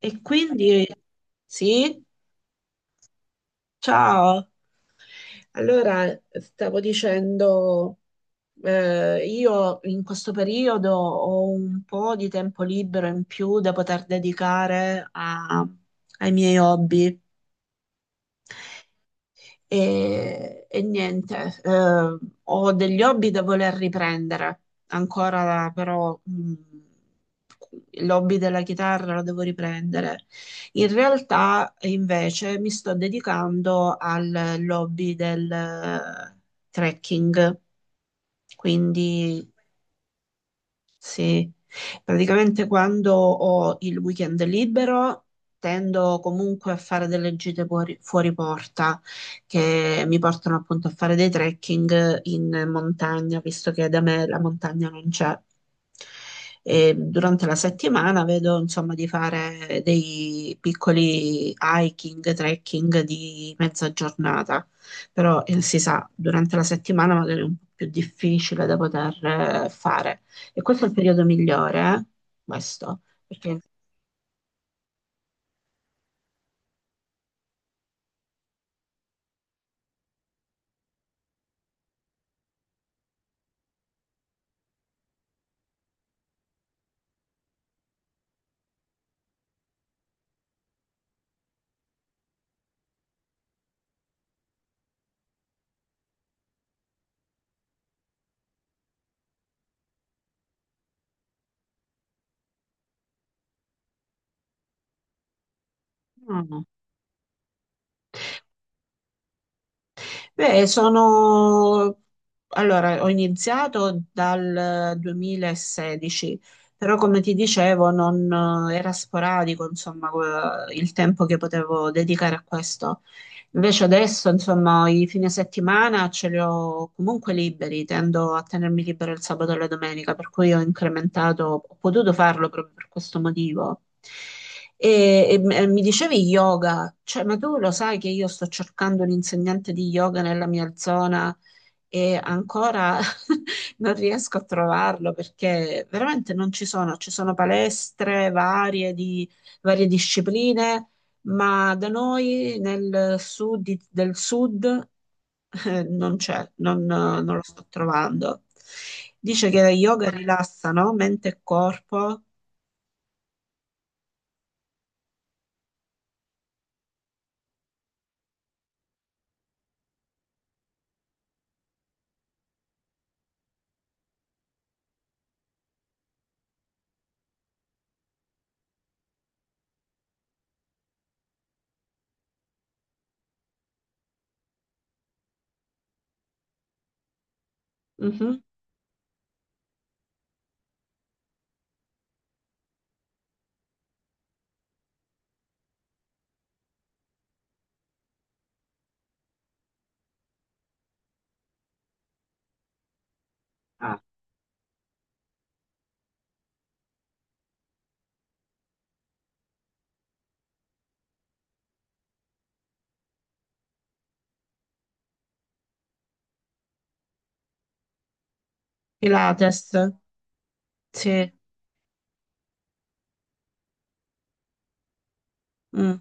E quindi sì, ciao. Allora, stavo dicendo, io in questo periodo ho un po' di tempo libero in più da poter dedicare ai miei hobby. E niente, ho degli hobby da voler riprendere ancora, però l'hobby della chitarra lo devo riprendere. In realtà, invece, mi sto dedicando al hobby del trekking, quindi sì, praticamente quando ho il weekend libero tendo comunque a fare delle gite fuori porta che mi portano appunto a fare dei trekking in montagna, visto che da me la montagna non c'è. E durante la settimana vedo insomma di fare dei piccoli hiking, trekking di mezza giornata, però si sa, durante la settimana magari è un po' più difficile da poter fare. E questo è il periodo migliore, eh? Questo, perché. Mm. Beh, sono allora, ho iniziato dal 2016, però come ti dicevo, non era sporadico, insomma, il tempo che potevo dedicare a questo. Invece adesso, insomma, i fine settimana ce li ho comunque liberi, tendo a tenermi libero il sabato e la domenica, per cui ho incrementato, ho potuto farlo proprio per questo motivo. E mi dicevi yoga, cioè, ma tu lo sai che io sto cercando un insegnante di yoga nella mia zona e ancora non riesco a trovarlo perché veramente non ci sono, ci sono palestre varie di varie discipline, ma da noi nel sud del sud non c'è, non lo sto trovando. Dice che yoga rilassa, no? Mente e corpo. Mhm. Ah, Pilates, sì. Mm.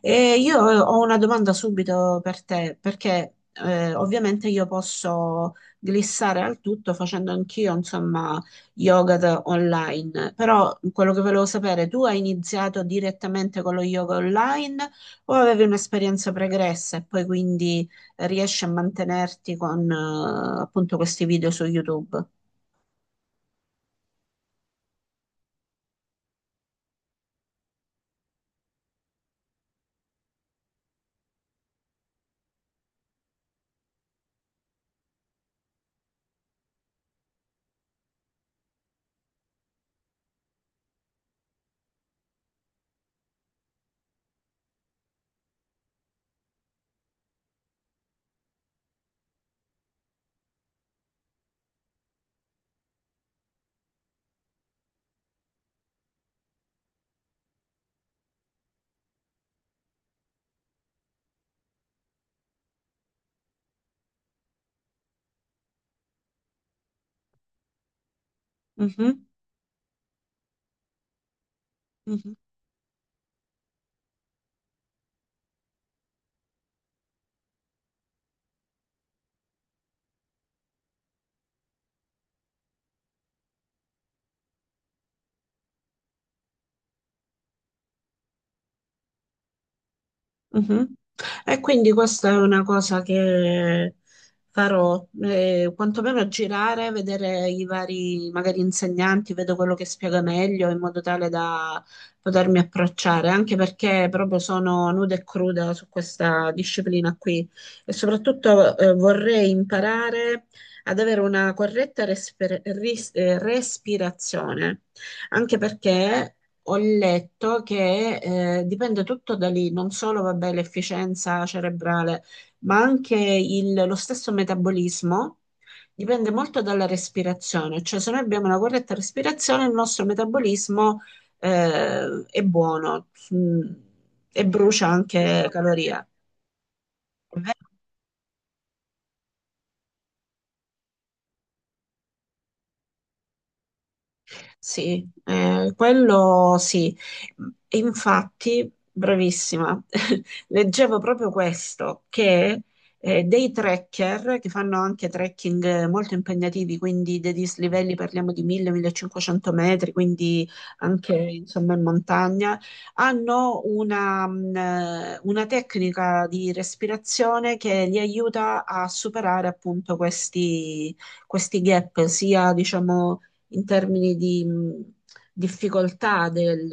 E io ho una domanda subito per te, perché ovviamente io posso glissare al tutto facendo anch'io, insomma, yoga online, però quello che volevo sapere, tu hai iniziato direttamente con lo yoga online o avevi un'esperienza pregressa e poi quindi riesci a mantenerti con appunto questi video su YouTube? Mhm, mhm. Mhm. E quindi questa è una cosa che farò, quantomeno girare, vedere i vari magari insegnanti, vedo quello che spiega meglio in modo tale da potermi approcciare, anche perché proprio sono nuda e cruda su questa disciplina qui e soprattutto vorrei imparare ad avere una corretta respirazione, anche perché ho letto che dipende tutto da lì, non solo vabbè, l'efficienza cerebrale, ma anche lo stesso metabolismo dipende molto dalla respirazione, cioè se noi abbiamo una corretta respirazione il nostro metabolismo è buono mm, e brucia anche calorie. Sì, quello sì. E infatti, bravissima, leggevo proprio questo, che dei trekker che fanno anche trekking molto impegnativi, quindi dei dislivelli parliamo di 1000-1500 metri, quindi anche insomma in montagna, hanno una tecnica di respirazione che li aiuta a superare appunto questi, questi gap, sia diciamo in termini di difficoltà del,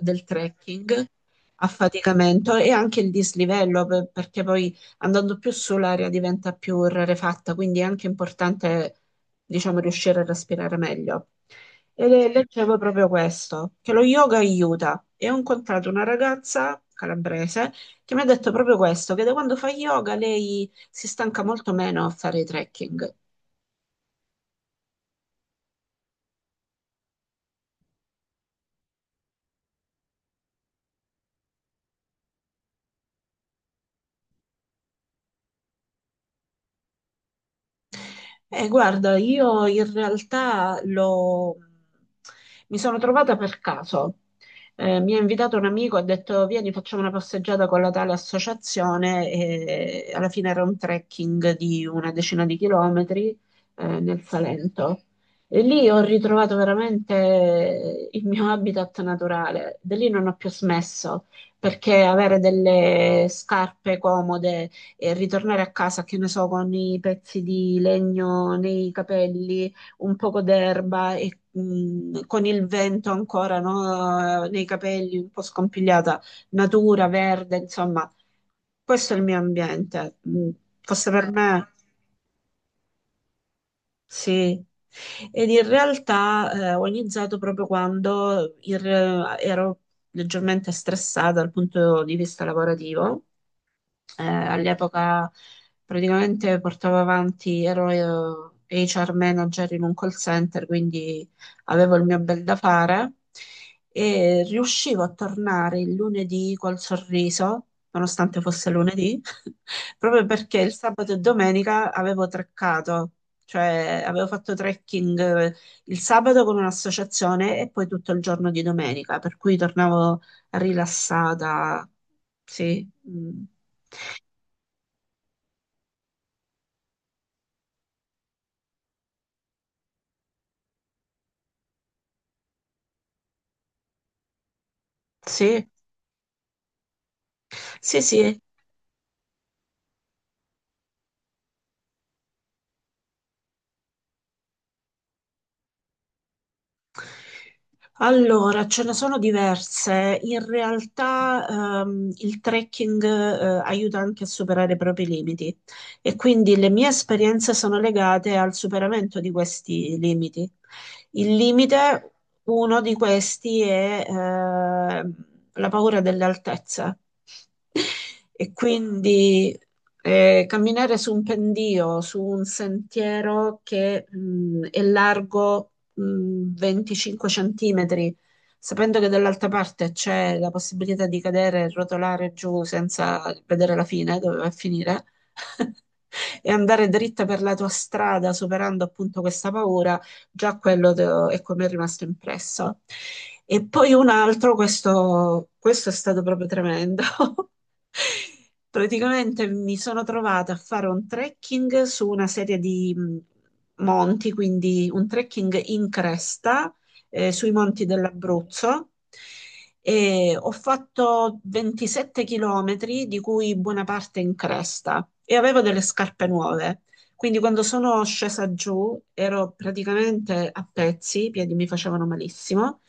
del trekking, affaticamento e anche il dislivello, perché poi andando più su l'aria diventa più rarefatta, quindi è anche importante, diciamo, riuscire a respirare meglio. E leggevo proprio questo, che lo yoga aiuta. E ho incontrato una ragazza calabrese che mi ha detto proprio questo, che da quando fa yoga lei si stanca molto meno a fare i trekking. Guarda, io in realtà mi sono trovata per caso. Mi ha invitato un amico, ha detto vieni facciamo una passeggiata con la tale associazione e alla fine era un trekking di una decina di chilometri nel Salento. E lì ho ritrovato veramente il mio habitat naturale. Da lì non ho più smesso perché avere delle scarpe comode e ritornare a casa, che ne so, con i pezzi di legno nei capelli, un poco d'erba e con il vento ancora, no, nei capelli, un po' scompigliata, natura, verde, insomma, questo è il mio ambiente. Mm. Fosse per me, sì. Ed in realtà ho iniziato proprio quando ero leggermente stressata dal punto di vista lavorativo all'epoca praticamente portavo avanti, ero HR manager in un call center, quindi avevo il mio bel da fare e riuscivo a tornare il lunedì col sorriso, nonostante fosse lunedì, proprio perché il sabato e domenica avevo treccato. Cioè, avevo fatto trekking il sabato con un'associazione e poi tutto il giorno di domenica, per cui tornavo rilassata. Sì. Mm. Sì, sì, sì. Allora, ce ne sono diverse. In realtà, il trekking, aiuta anche a superare i propri limiti e quindi le mie esperienze sono legate al superamento di questi limiti. Il limite, uno di questi è, la paura delle altezze. E quindi camminare su un pendio, su un sentiero che è largo 25 centimetri, sapendo che dall'altra parte c'è la possibilità di cadere e rotolare giù senza vedere la fine, dove va a finire, e andare dritta per la tua strada, superando appunto questa paura, già quello è come è rimasto impresso. E poi un altro, questo è stato proprio tremendo. Praticamente mi sono trovata a fare un trekking su una serie di, monti, quindi un trekking in cresta sui monti dell'Abruzzo. E ho fatto 27 chilometri, di cui buona parte in cresta, e avevo delle scarpe nuove. Quindi quando sono scesa giù ero praticamente a pezzi, i piedi mi facevano malissimo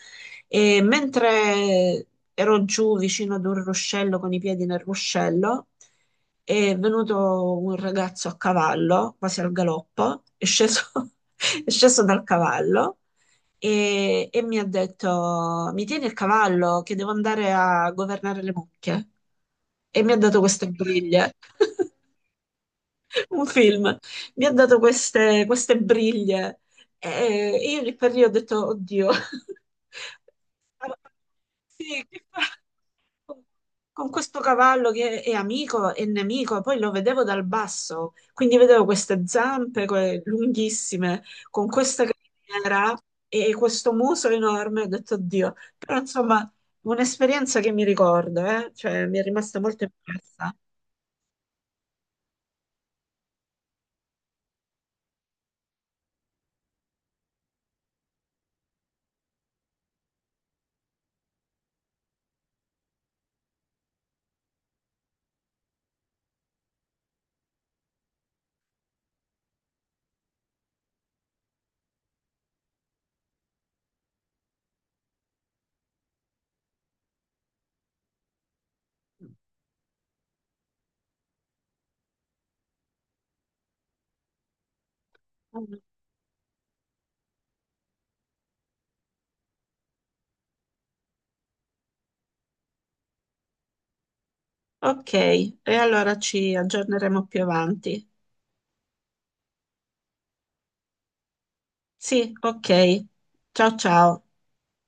e mentre ero giù vicino ad un ruscello con i piedi nel ruscello, è venuto un ragazzo a cavallo, quasi al galoppo, è sceso, è sceso dal cavallo e mi ha detto: Mi tieni il cavallo che devo andare a governare le mucche. E mi ha dato queste briglie. Un film, mi ha dato queste, queste briglie e io lì per lì ho detto, oddio, sì, che fa? Con con questo cavallo che è amico e nemico, poi lo vedevo dal basso, quindi vedevo queste zampe lunghissime, con questa criniera e questo muso enorme, ho detto, oddio, però insomma, un'esperienza che mi ricordo, eh? Cioè, mi è rimasta molto impressa. Ok, e allora ci aggiorneremo più avanti. Sì, ok. Ciao ciao.